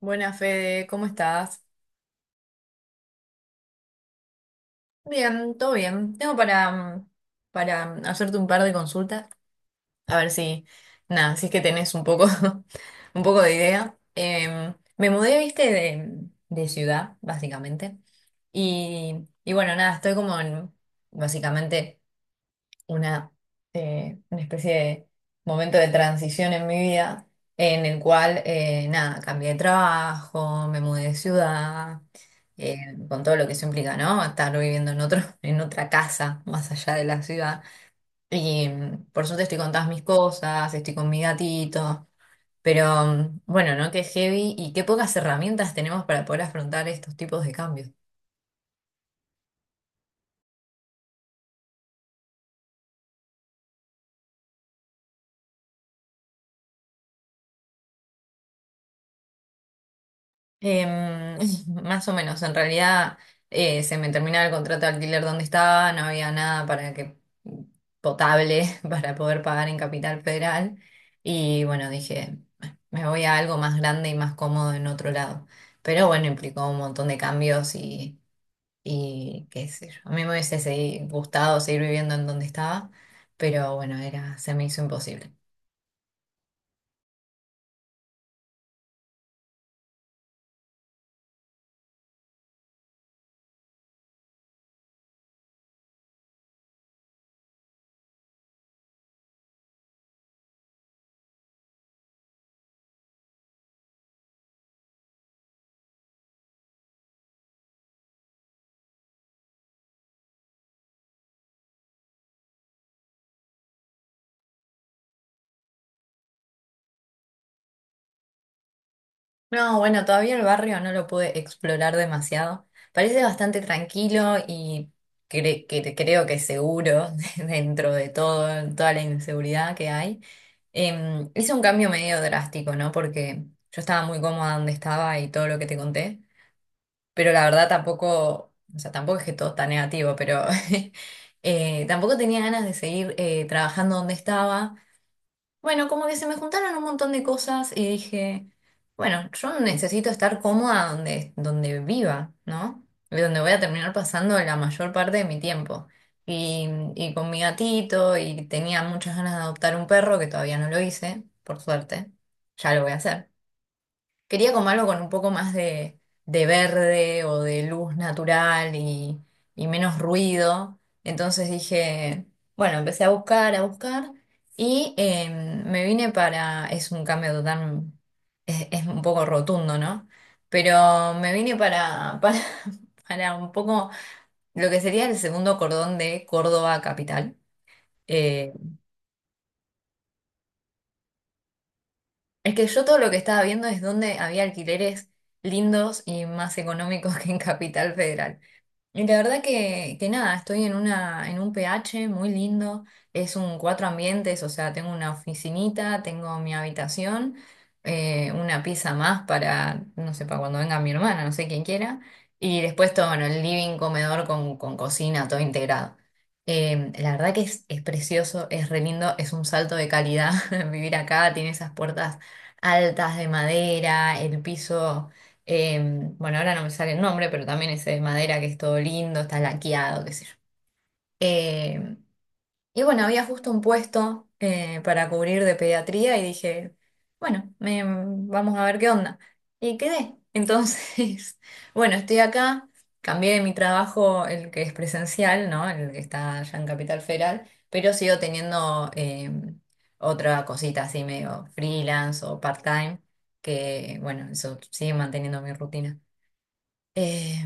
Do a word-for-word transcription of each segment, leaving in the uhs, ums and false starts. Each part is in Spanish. Buenas, Fede, ¿cómo estás? Bien, todo bien. Tengo para, mm, para mm, hacerte un par de consultas, a ver si, nada, si es que tenés un poco, un poco de idea. Em, me mudé, viste, de, de ciudad, básicamente. Y, y bueno, nada, estoy como en, básicamente una, eh, una especie de momento de transición en mi vida en el cual, eh, nada, cambié de trabajo, me mudé de ciudad, eh, con todo lo que eso implica, ¿no? Estar viviendo en otro, en otra casa más allá de la ciudad. Y mm, por suerte estoy con todas mis cosas, estoy con mi gatito, pero mm, bueno, ¿no? Qué heavy y qué pocas herramientas tenemos para poder afrontar estos tipos de cambios. Em, más o menos, en realidad eh, se me terminaba el contrato de alquiler donde estaba, no había nada para que potable para poder pagar en Capital Federal y bueno, dije, me voy a algo más grande y más cómodo en otro lado. Pero bueno, implicó un montón de cambios y, y qué sé yo. A mí me hubiese segui- gustado seguir viviendo en donde estaba, pero bueno, era, se me hizo imposible. No, bueno, todavía el barrio no lo pude explorar demasiado. Parece bastante tranquilo y cre- que- creo que seguro dentro de todo, toda la inseguridad que hay. Em, hice un cambio medio drástico, ¿no? Porque yo estaba muy cómoda donde estaba y todo lo que te conté, pero la verdad tampoco, o sea, tampoco es que todo está negativo, pero eh, tampoco tenía ganas de seguir eh, trabajando donde estaba. Bueno, como que se me juntaron un montón de cosas y dije, bueno, yo necesito estar cómoda donde, donde viva, ¿no? Y donde voy a terminar pasando la mayor parte de mi tiempo. Y, y con mi gatito, y tenía muchas ganas de adoptar un perro, que todavía no lo hice, por suerte. Ya lo voy a hacer. Quería como algo con un poco más de, de verde o de luz natural y, y menos ruido. Entonces dije, bueno, empecé a buscar, a buscar y eh, me vine para, es un cambio tan, es, es un poco rotundo, ¿no? Pero me vine para, para, para un poco lo que sería el segundo cordón de Córdoba capital. Eh, es que yo todo lo que estaba viendo es donde había alquileres lindos y más económicos que en Capital Federal. Y la verdad que, que nada, estoy en una, en un P H muy lindo, es un cuatro ambientes, o sea, tengo una oficinita, tengo mi habitación, eh, una pieza más para, no sé, para cuando venga mi hermana, no sé quién quiera, y después todo, bueno, el living, comedor con, con cocina, todo integrado. Eh, la verdad que es, es precioso, es re lindo, es un salto de calidad vivir acá, tiene esas puertas altas de madera, el piso. Em, bueno, ahora no me sale el nombre, pero también ese de madera que es todo lindo, está laqueado, qué sé yo. Em, y bueno, había justo un puesto eh, para cubrir de pediatría y dije, bueno, me- vamos a ver qué onda. Y quedé. Entonces, bueno, estoy acá, cambié de mi trabajo, el que es presencial, ¿no? El que está allá en Capital Federal, pero sigo teniendo em, otra cosita así medio freelance o part-time, que bueno, eso sigue manteniendo mi rutina. Eh,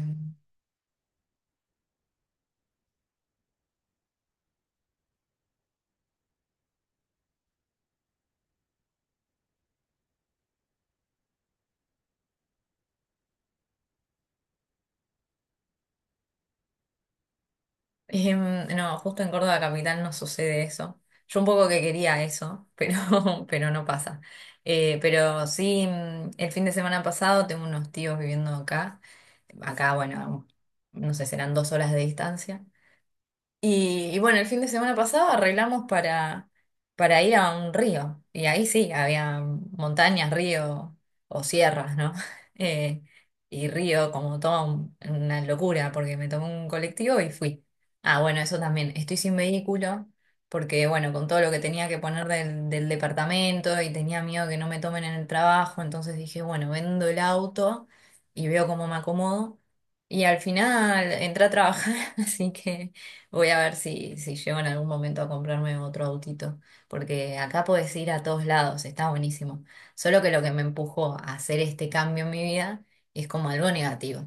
em, no, justo en Córdoba capital no sucede eso. Yo un poco que quería eso, pero, pero no pasa. Eh, pero sí, mm, el fin de semana pasado tengo unos tíos viviendo acá. Acá, bueno, no sé, serán dos horas de distancia. Y, y bueno, el fin de semana pasado arreglamos para, para ir a un río. Y ahí sí, había montañas, río o sierras, ¿no? Eh, y río como toda un- una locura, porque me tomé un colectivo y fui. Ah, bueno, eso también. Estoy sin vehículo, porque bueno, con todo lo que tenía que poner del, del departamento y tenía miedo que no me tomen en el trabajo, entonces dije, bueno, vendo el auto y veo cómo me acomodo. Y al final entré a trabajar, así que... Voy a ver si, si llego en algún momento a comprarme otro autito, porque acá podés ir a todos lados, está buenísimo. Solo que lo que me empujó a hacer este cambio en mi vida es como algo negativo.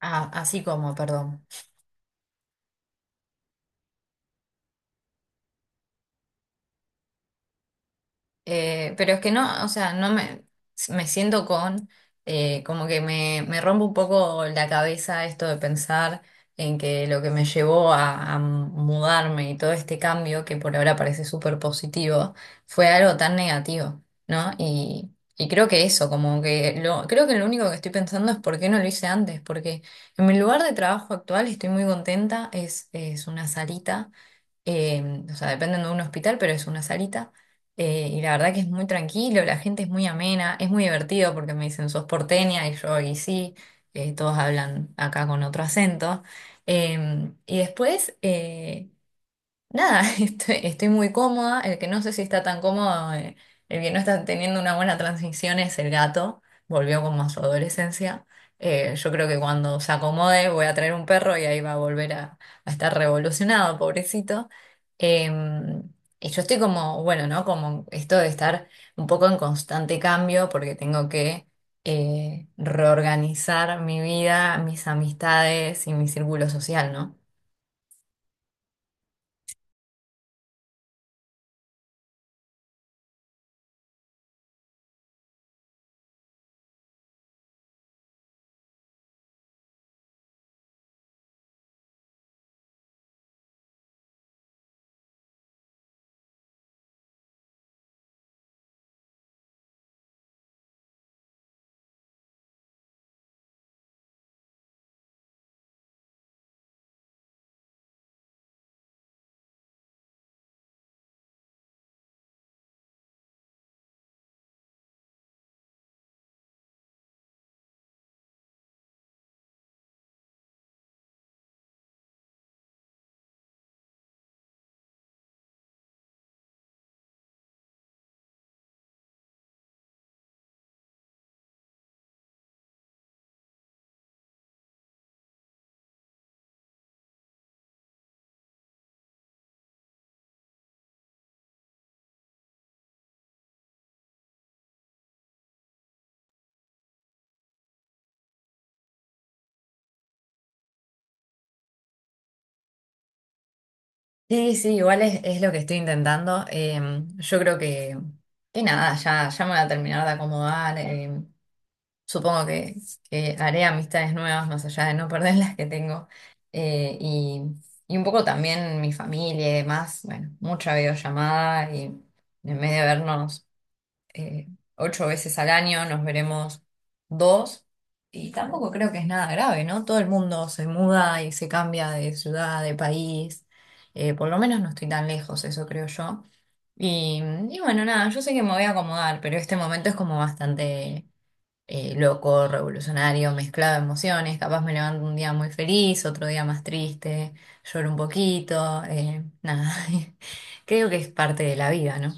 Ah, así como, perdón. Eh, pero es que no, o sea, no me, me siento con, eh, como que me, me rompe un poco la cabeza esto de pensar en que lo que me llevó a, a mudarme y todo este cambio, que por ahora parece súper positivo, fue algo tan negativo, ¿no? Y, y creo que eso, como que lo, creo que lo único que estoy pensando es por qué no lo hice antes, porque en mi lugar de trabajo actual estoy muy contenta, es, es una salita eh, o sea, dependen de un hospital, pero es una salita. Eh, y la verdad que es muy tranquilo, la gente es muy amena, es muy divertido porque me dicen, sos porteña y yo, y sí, eh, todos hablan acá con otro acento. Em, y después, eh, nada, estoy, estoy muy cómoda. El que no sé si está tan cómodo, eh, el que no está teniendo una buena transición es el gato. Volvió como a su adolescencia. Eh, yo creo que cuando se acomode voy a traer un perro y ahí va a volver a, a estar revolucionado, pobrecito. Eh, y yo estoy como, bueno, ¿no? Como esto de estar un poco en constante cambio porque tengo que eh, reorganizar mi vida, mis amistades y mi círculo social, ¿no? Sí, sí, igual es, es lo que estoy intentando. Em, yo creo que, que nada, ya, ya me voy a terminar de acomodar. Em, supongo que, que haré amistades nuevas más allá de no perder las que tengo. Eh, y, y un poco también mi familia y demás. Bueno, mucha videollamada y en vez de vernos eh, ocho veces al año, nos veremos dos. Y tampoco creo que es nada grave, ¿no? Todo el mundo se muda y se cambia de ciudad, de país. Eh, por lo menos no estoy tan lejos, eso creo yo. Y, y bueno, nada, yo sé que me voy a acomodar, pero este momento es como bastante eh, loco, revolucionario, mezclado de emociones. Capaz me levanto un día muy feliz, otro día más triste, lloro un poquito, eh, nada. Creo que es parte de la vida, ¿no?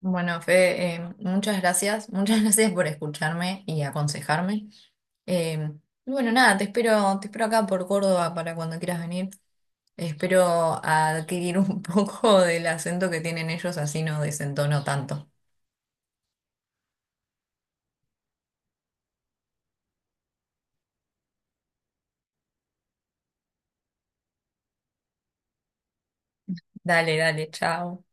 Bueno, Fede, eh, muchas gracias. Muchas gracias por escucharme y aconsejarme. Eh, y bueno, nada, te espero, te espero acá por Córdoba para cuando quieras venir. Espero adquirir un poco del acento que tienen ellos, así no desentono tanto. Dale, dale, chao.